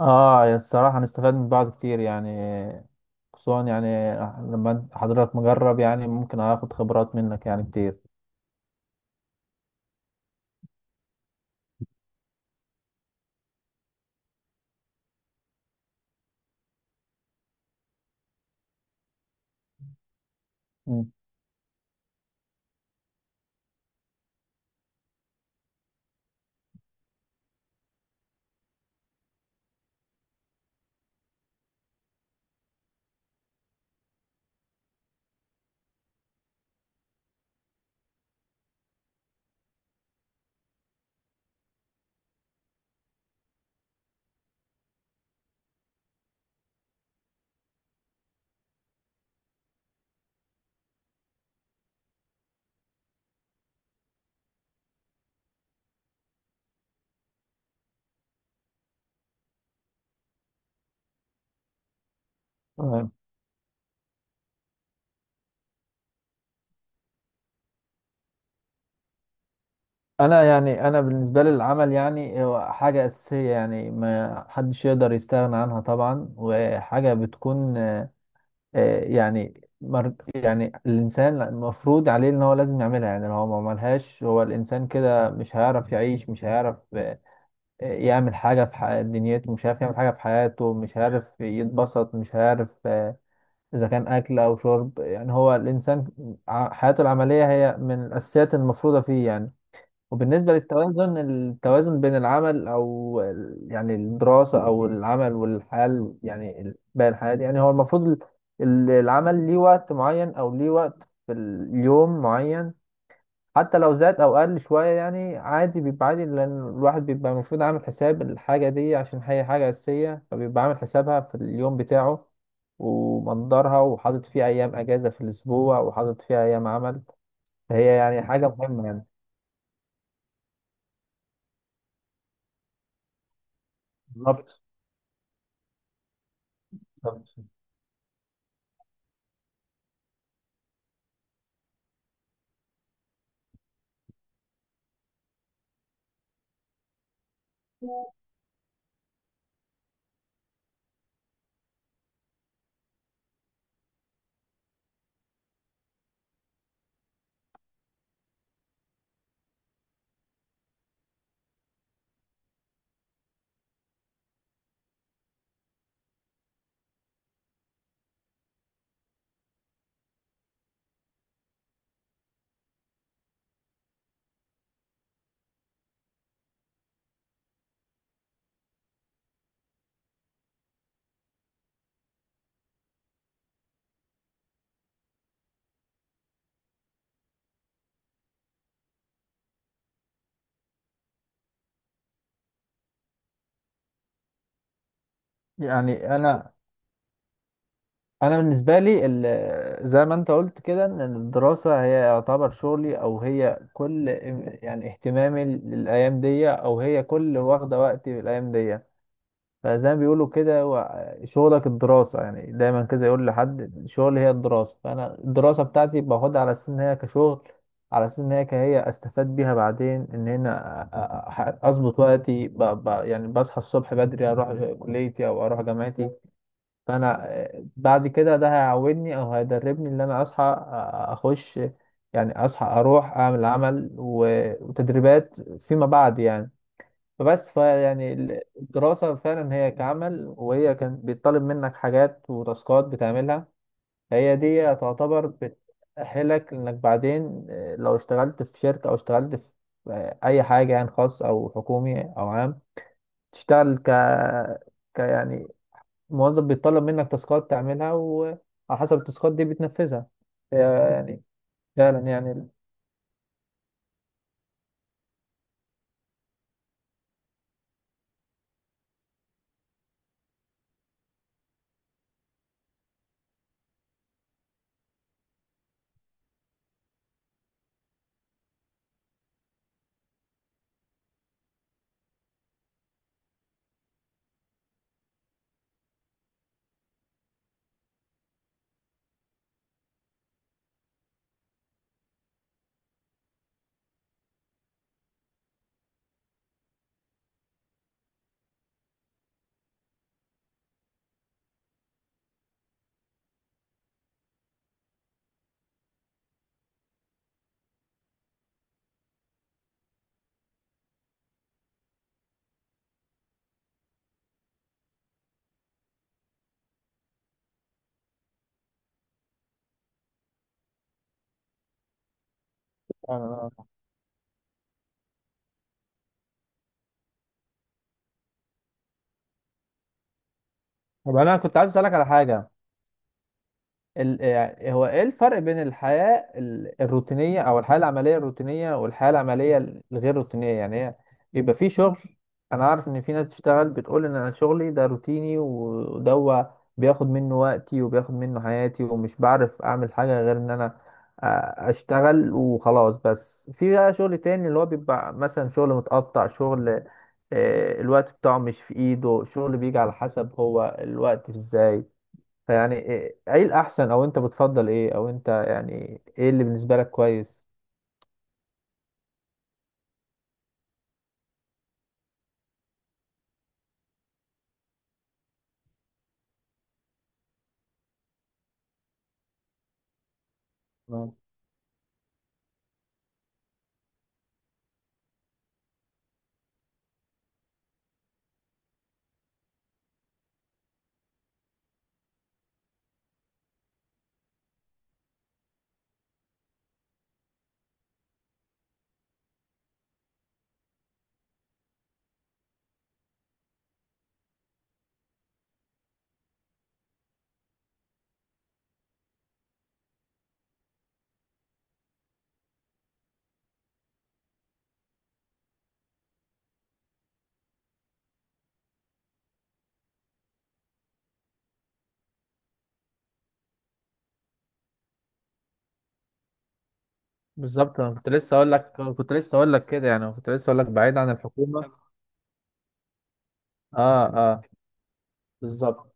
اه يا الصراحة هنستفاد من بعض كتير يعني. خصوصا يعني لما حضرتك مجرب يعني ممكن اخد خبرات منك يعني كتير. مم. تمام. انا بالنسبة لي العمل يعني هو حاجة اساسية يعني ما حدش يقدر يستغنى عنها طبعا وحاجة بتكون يعني يعني الانسان المفروض عليه ان هو لازم يعملها، يعني لو هو ما عملهاش هو الانسان كده مش هيعرف يعيش، مش هيعرف يعمل حاجة في دنيته، مش عارف يعمل حاجة في حياته، مش عارف يتبسط، مش عارف إذا كان أكل أو شرب، يعني هو الإنسان حياته العملية هي من الأساسيات المفروضة فيه يعني. وبالنسبة للتوازن، التوازن بين العمل أو يعني الدراسة أو العمل والحياة يعني باقي الحياة دي. يعني هو المفروض العمل ليه وقت معين أو ليه وقت في اليوم معين، حتى لو زاد او قل شويه يعني عادي، بيبقى عادي لان الواحد بيبقى المفروض عامل حساب الحاجه دي عشان هي حاجه اساسيه، فبيبقى عامل حسابها في اليوم بتاعه ومقدرها وحاطط فيه ايام اجازه في الاسبوع وحاطط فيها ايام عمل، فهي يعني حاجه مهمه يعني. بالظبط. بالظبط. يعني انا انا بالنسبه لي زي ما انت قلت كده ان الدراسه هي يعتبر شغلي، او هي كل يعني اهتمامي للايام دي، او هي كل واخده وقتي في الايام دي. فزي ما بيقولوا كده هو شغلك الدراسة، يعني دايما كده يقول لحد الشغل هي الدراسة. فأنا الدراسة بتاعتي باخدها على أساس إن هي كشغل، على أساس إن هي كهي أستفاد بيها بعدين، إن هنا أظبط وقتي يعني بصحى الصبح بدري، أروح كليتي أو أروح جامعتي. فأنا بعد كده ده هيعودني أو هيدربني إن أنا أصحى أخش، يعني أصحى أروح أعمل وتدريبات فيما بعد يعني. الدراسة فعلا هي كعمل، وهي كان بيطلب منك حاجات وتاسكات بتعملها. هي دي تعتبر بتأهلك إنك بعدين لو اشتغلت في شركة أو اشتغلت في أي حاجة يعني، خاص أو حكومي أو عام، تشتغل ك... ك يعني موظف بيطلب منك تاسكات تعملها، وعلى حسب التاسكات دي بتنفذها. هي يعني. فعلا يعني. فعلا آه. طب أنا كنت عايز أسألك على حاجة. يعني هو ايه الفرق بين الحياة الروتينية او الحياة العملية الروتينية والحياة العملية الغير روتينية؟ يعني هي بيبقى في شغل، انا عارف ان في ناس بتشتغل بتقول ان انا شغلي ده روتيني، وده هو بياخد منه وقتي وبياخد منه حياتي ومش بعرف اعمل حاجة غير ان انا آ- اشتغل وخلاص. بس في بقى شغل تاني اللي هو بيبقى مثلا شغل متقطع، شغل الوقت بتاعه مش في ايده، شغل بيجي على حسب هو الوقت ازاي. فيعني ايه، إيه الاحسن او انت بتفضل ايه، او انت يعني ايه اللي بالنسبه لك كويس؟ آه. بالظبط. انا كنت لسه اقول لك كنت لسه اقول لك كده يعني كنت لسه اقول لك بعيد عن الحكومه. اه اه بالظبط.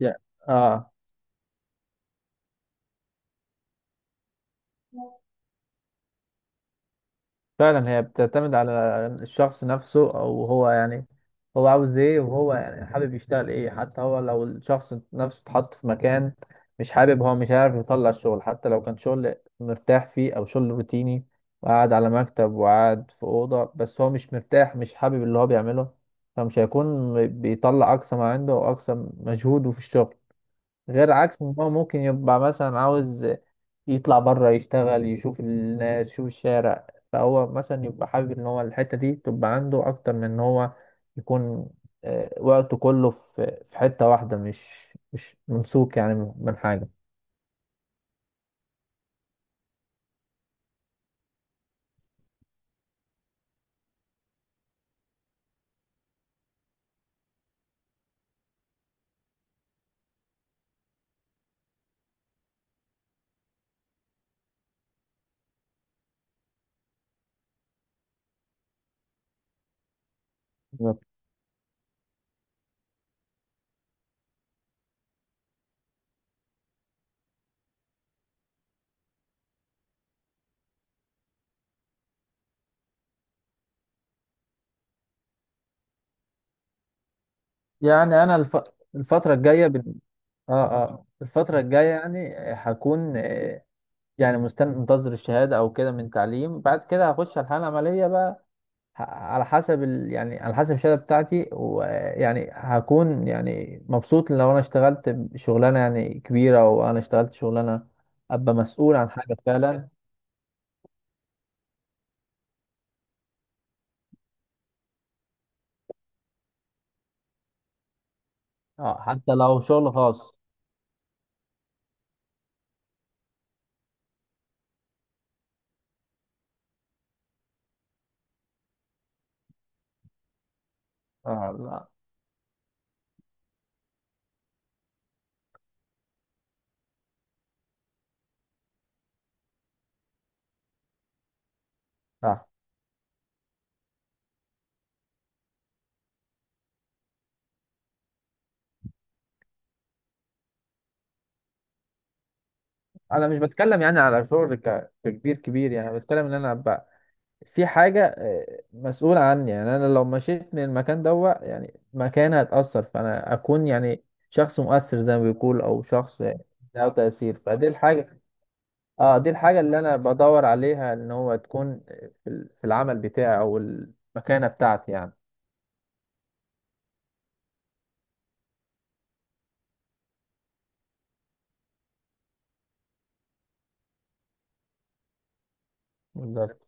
يعني اه فعلا هي بتعتمد على الشخص نفسه، او هو يعني هو عاوز ايه، وهو يعني حابب يشتغل ايه. حتى هو لو الشخص نفسه اتحط في مكان مش حابب، هو مش عارف يطلع الشغل. حتى لو كان شغل مرتاح فيه او شغل روتيني وقاعد على مكتب وقاعد في أوضة، بس هو مش مرتاح مش حابب اللي هو بيعمله، فمش هيكون بيطلع أقصى ما عنده وأقصى مجهوده في الشغل. غير عكس ما هو ممكن يبقى مثلا عاوز يطلع بره يشتغل يشوف الناس يشوف الشارع، فهو مثلا يبقى حابب ان هو الحتة دي تبقى عنده اكتر من ان هو يكون وقته كله في حتة واحدة، مش ممسوك يعني من حاجة. بالظبط. يعني انا الفترة الجاية اه اه الفترة الجاية يعني هكون يعني مستني منتظر الشهادة او كده من تعليم، بعد كده هخش على الحالة العملية بقى. على حسب يعني على حسب الشهاده بتاعتي. ويعني هكون يعني مبسوط لو انا اشتغلت شغلانه يعني كبيره، او انا اشتغلت شغلانه ابقى مسؤول عن حاجه فعلا. اه حتى لو شغل خاص. اه لا صح. انا مش بتكلم يعني على شغل كبير كبير، يعني بتكلم ان انا ابقى في حاجه مسؤول عني. يعني انا لو مشيت من المكان دوا يعني مكان هتاثر، فانا اكون يعني شخص مؤثر زي ما بيقول، او شخص له تاثير، فدي الحاجه. اه دي الحاجة اللي انا بدور عليها، ان هو تكون في في العمل بتاعي او المكانة بتاعتي يعني. بالظبط